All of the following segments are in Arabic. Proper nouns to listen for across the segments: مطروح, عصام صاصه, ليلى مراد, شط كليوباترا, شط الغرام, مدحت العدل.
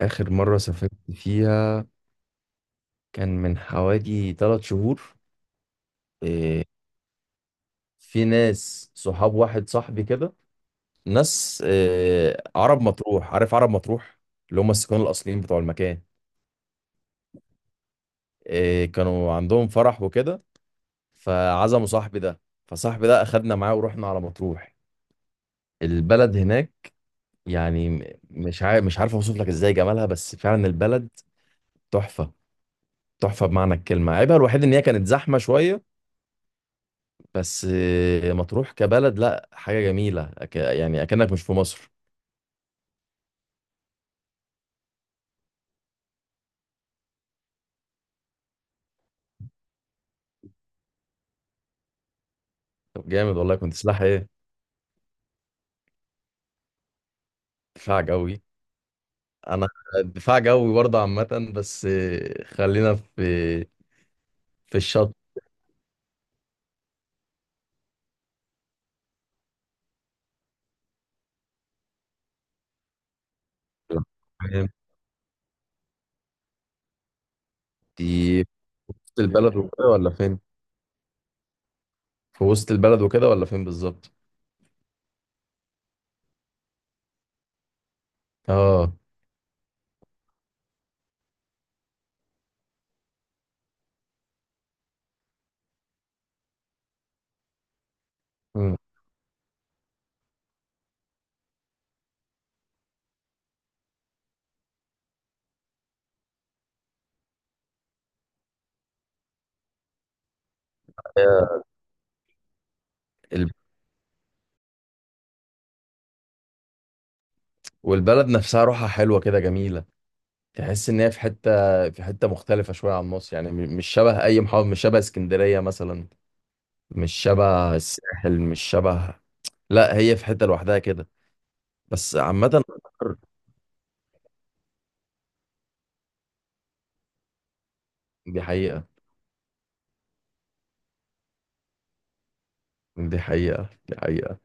آخر مرة سافرت فيها كان من حوالي ثلاث شهور. إيه، في ناس صحاب، واحد صاحبي كده، ناس إيه، عرب مطروح، عارف عرب مطروح اللي هم السكان الأصليين بتوع المكان. إيه، كانوا عندهم فرح وكده، فعزموا صاحبي ده، فصاحبي ده أخدنا معاه ورحنا على مطروح البلد هناك. يعني مش عارف أوصف لك إزاي جمالها، بس فعلا البلد تحفة. تحفة بمعنى الكلمة. عيبها الوحيد إن هي كانت زحمة شوية، بس مطروح كبلد، لا، حاجة جميلة، يعني أكنك مش في مصر. طب جامد والله، كنت سلاح إيه؟ دفاع جوي. أنا دفاع جوي برضه، عامة، بس خلينا في الشط. تمام. دي في وسط البلد وكده ولا فين؟ في وسط البلد وكده ولا فين بالظبط؟ اه. مم. هي ال- والبلد نفسها روحها حلوة كده، جميلة. تحس إن هي في حتة مختلفة شوية عن مصر. يعني مش شبه أي محافظة، مش شبه اسكندرية مثلا، مش شبه الساحل، مش شبه، لا هي في حتة لوحدها كده. بس عامة دي حقيقة، دي حقيقة. دي حقيقة.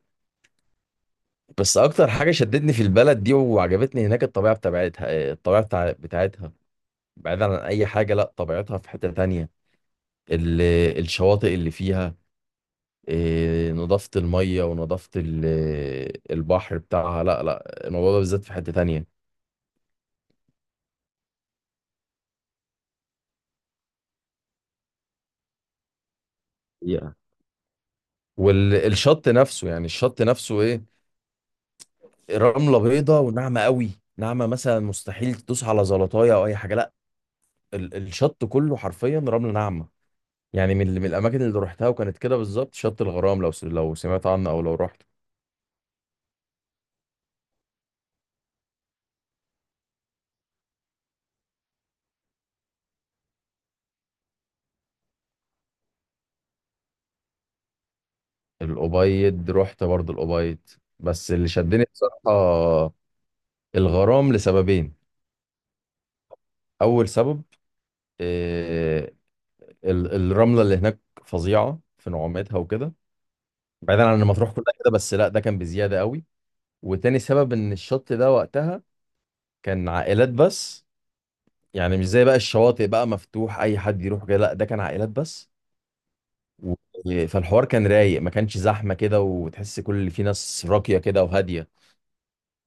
بس أكتر حاجة شدتني في البلد دي وعجبتني هناك الطبيعة بتاعتها. الطبيعة بتاعتها، بعيدا عن أي حاجة، لا طبيعتها في حتة تانية. ال... الشواطئ اللي فيها، نظافة المية ونظافة البحر بتاعها، لا لا، الموضوع ده بالذات في حتة تانية. حقيقة. والشط نفسه، يعني الشط نفسه، إيه، رمله بيضه وناعمه قوي. ناعمه مثلا، مستحيل تدوس على زلطايه او اي حاجه، لا، الشط كله حرفيا رمله ناعمه. يعني من الاماكن اللي روحتها وكانت كده بالظبط شط الغرام، لو سمعت عنه او لو رحت. الأبيض، رحت برضه الأبيض، بس اللي شدني بصراحه الغرام لسببين. اول سبب، آه، الرمله اللي هناك فظيعه في نعومتها وكده، بعيدا عن ما تروح كلها كده، بس لا، ده كان بزياده قوي. وتاني سبب، ان الشط ده وقتها كان عائلات بس. يعني مش زي بقى الشواطئ بقى مفتوح اي حد يروح جاي، لا ده كان عائلات بس. و... فالحوار كان رايق، ما كانش زحمه كده، وتحس كل اللي فيه ناس راقيه كده وهاديه.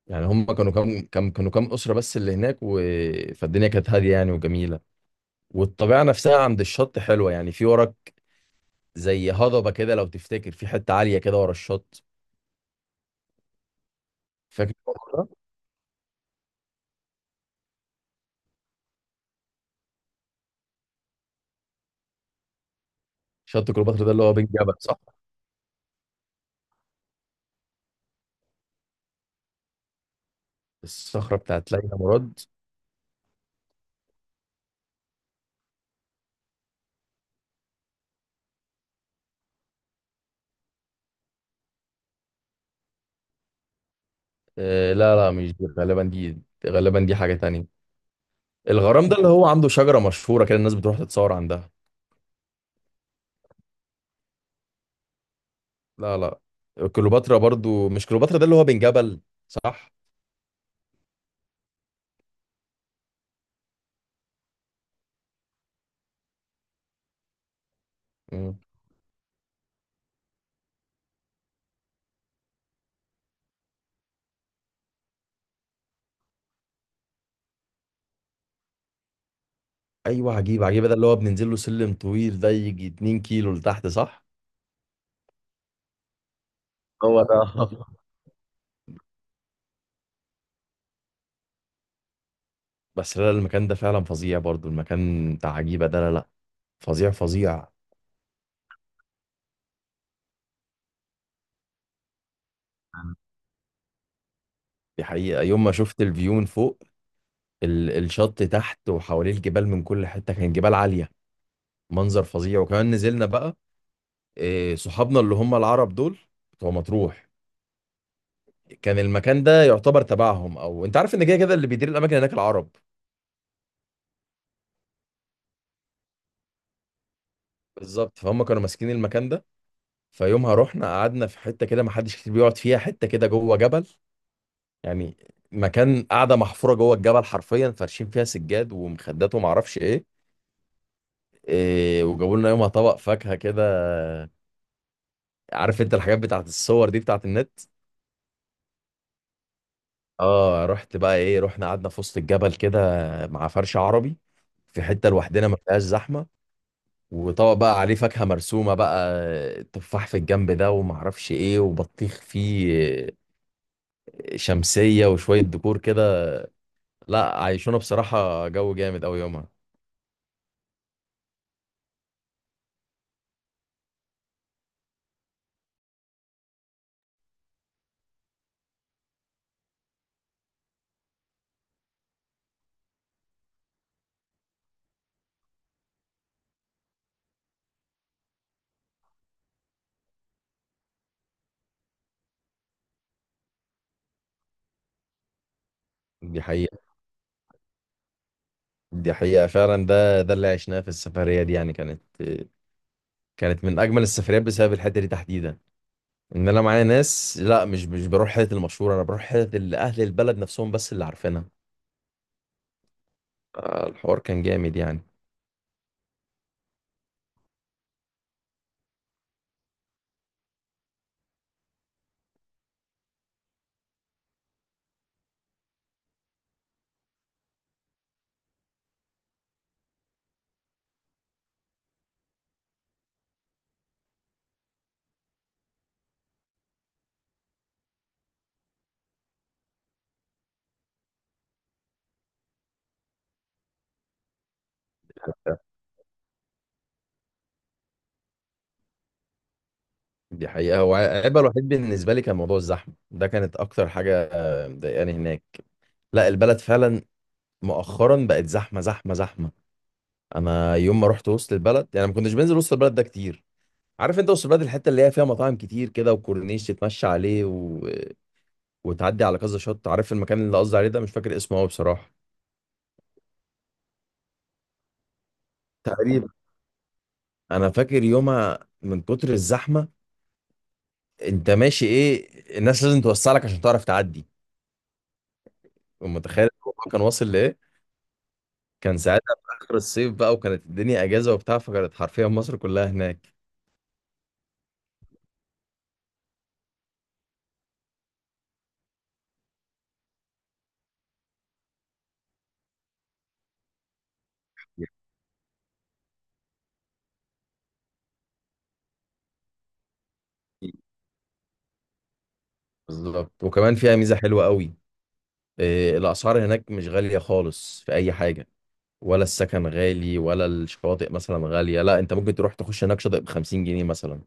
يعني هم كانوا كام اسره بس اللي هناك. و... فالدنيا كانت هاديه، يعني، وجميله. والطبيعه نفسها عند الشط حلوه. يعني في وراك زي هضبه كده، لو تفتكر، في حته عاليه كده ورا الشط. فاكر الموضوع ده؟ شط كليوباترا ده اللي هو بين جبل، صح. الصخره بتاعت ليلى مراد. آه، لا لا، مش دي، غالبا دي حاجه تانية. الغرام ده اللي هو عنده شجرة مشهورة كده، الناس بتروح تتصور عندها. لا لا، كليوباترا برضو. مش كليوباترا ده اللي هو بن جبل؟ صح. مم. ايوه، عجيب. عجيب ده اللي هو بننزل له سلم طويل ده، يجي 2 كيلو لتحت، صح؟ هو ده بس لا، المكان ده فعلا فظيع، برضو المكان بتاع عجيبة ده، لا لا، فظيع فظيع. دي حقيقة. يوم ما شفت الفيو من فوق، الشط تحت وحواليه الجبال من كل حتة، كان جبال عالية، منظر فظيع. وكمان نزلنا بقى، إيه، صحابنا اللي هم العرب دول بتوع مطروح كان المكان ده يعتبر تبعهم. او انت عارف ان كده كده اللي بيدير الاماكن هناك العرب. بالظبط، فهم كانوا ماسكين المكان ده. فيومها رحنا قعدنا في حته كده ما حدش كتير بيقعد فيها، حته كده جوه جبل. يعني مكان، قاعده محفوره جوه الجبل حرفيا، فارشين فيها سجاد ومخدات وما اعرفش ايه. إيه، وجابوا لنا يومها طبق فاكهه كده. عارف انت الحاجات بتاعت الصور دي بتاعت النت؟ اه، رحت بقى ايه، رحنا قعدنا في وسط الجبل كده مع فرش عربي في حته لوحدنا، ما فيهاش زحمه. وطبق بقى عليه فاكهة مرسومة بقى، تفاح في الجنب ده ومعرفش ايه وبطيخ فيه، شمسية وشوية ديكور كده. لا، عايشونا بصراحة جو جامد أوي يومها. دي حقيقة، دي حقيقة. فعلا ده اللي عشناه في السفرية دي، يعني، كانت من أجمل السفريات بسبب الحتة دي تحديدا. إن أنا معايا ناس، لا مش بروح حتة المشهورة، أنا بروح حتة اللي أهل البلد نفسهم بس اللي عارفينها. الحوار كان جامد، يعني. دي حقيقة. هو عيبها الوحيد بالنسبة لي كان موضوع الزحمة ده، كانت أكتر حاجة مضايقاني هناك. لا البلد فعلا مؤخرا بقت زحمة زحمة زحمة. أنا يوم ما رحت وسط البلد، يعني، ما كنتش بنزل وسط البلد ده كتير. عارف أنت وسط البلد الحتة اللي هي فيها مطاعم كتير كده وكورنيش تتمشى عليه و... وتعدي على كذا شط. عارف المكان اللي قصدي عليه ده مش فاكر اسمه أوي بصراحة. تقريبا. أنا فاكر يومها من كتر الزحمة، أنت ماشي، إيه، الناس لازم توسع لك عشان تعرف تعدي. ومتخيل الموضوع كان واصل لإيه، كان ساعتها في اخر الصيف بقى وكانت الدنيا اجازه وبتاع، فكانت حرفيا مصر كلها هناك. بالظبط. وكمان فيها ميزه حلوه قوي. إيه، الاسعار هناك مش غاليه خالص في اي حاجه، ولا السكن غالي ولا الشواطئ مثلا غاليه. لا، انت ممكن تروح تخش هناك شاطئ ب 50 جنيه مثلا.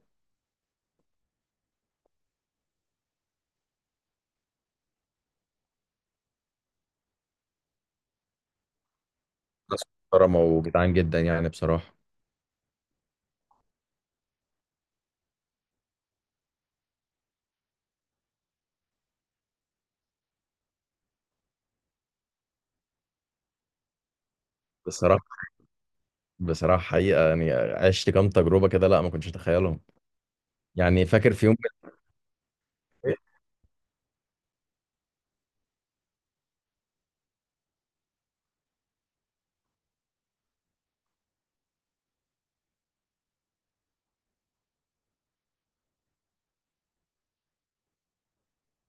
ناس محترمه وجدعان جدا، يعني، بصراحه. بصراحه بصراحه حقيقه، يعني، عشت كام تجربه كده لا ما كنتش اتخيلهم. يعني فاكر في يوم من الأيام-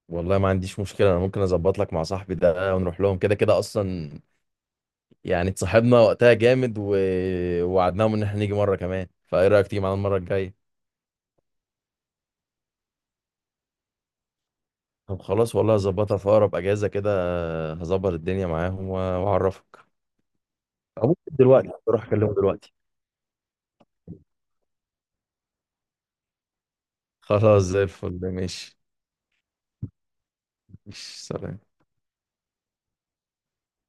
والله ما عنديش مشكله، انا ممكن اظبط لك مع صاحبي ده ونروح لهم كده كده اصلا. يعني اتصاحبنا وقتها جامد و... ووعدناهم ان احنا نيجي مره كمان، فايه رايك تيجي معانا المره الجايه؟ طب خلاص، والله هظبطها في اقرب اجازه كده. هظبط الدنيا معاهم واعرفك. أو ممكن دلوقتي اروح اكلمه دلوقتي. خلاص، زي الفل، ماشي. ماشي، سلام.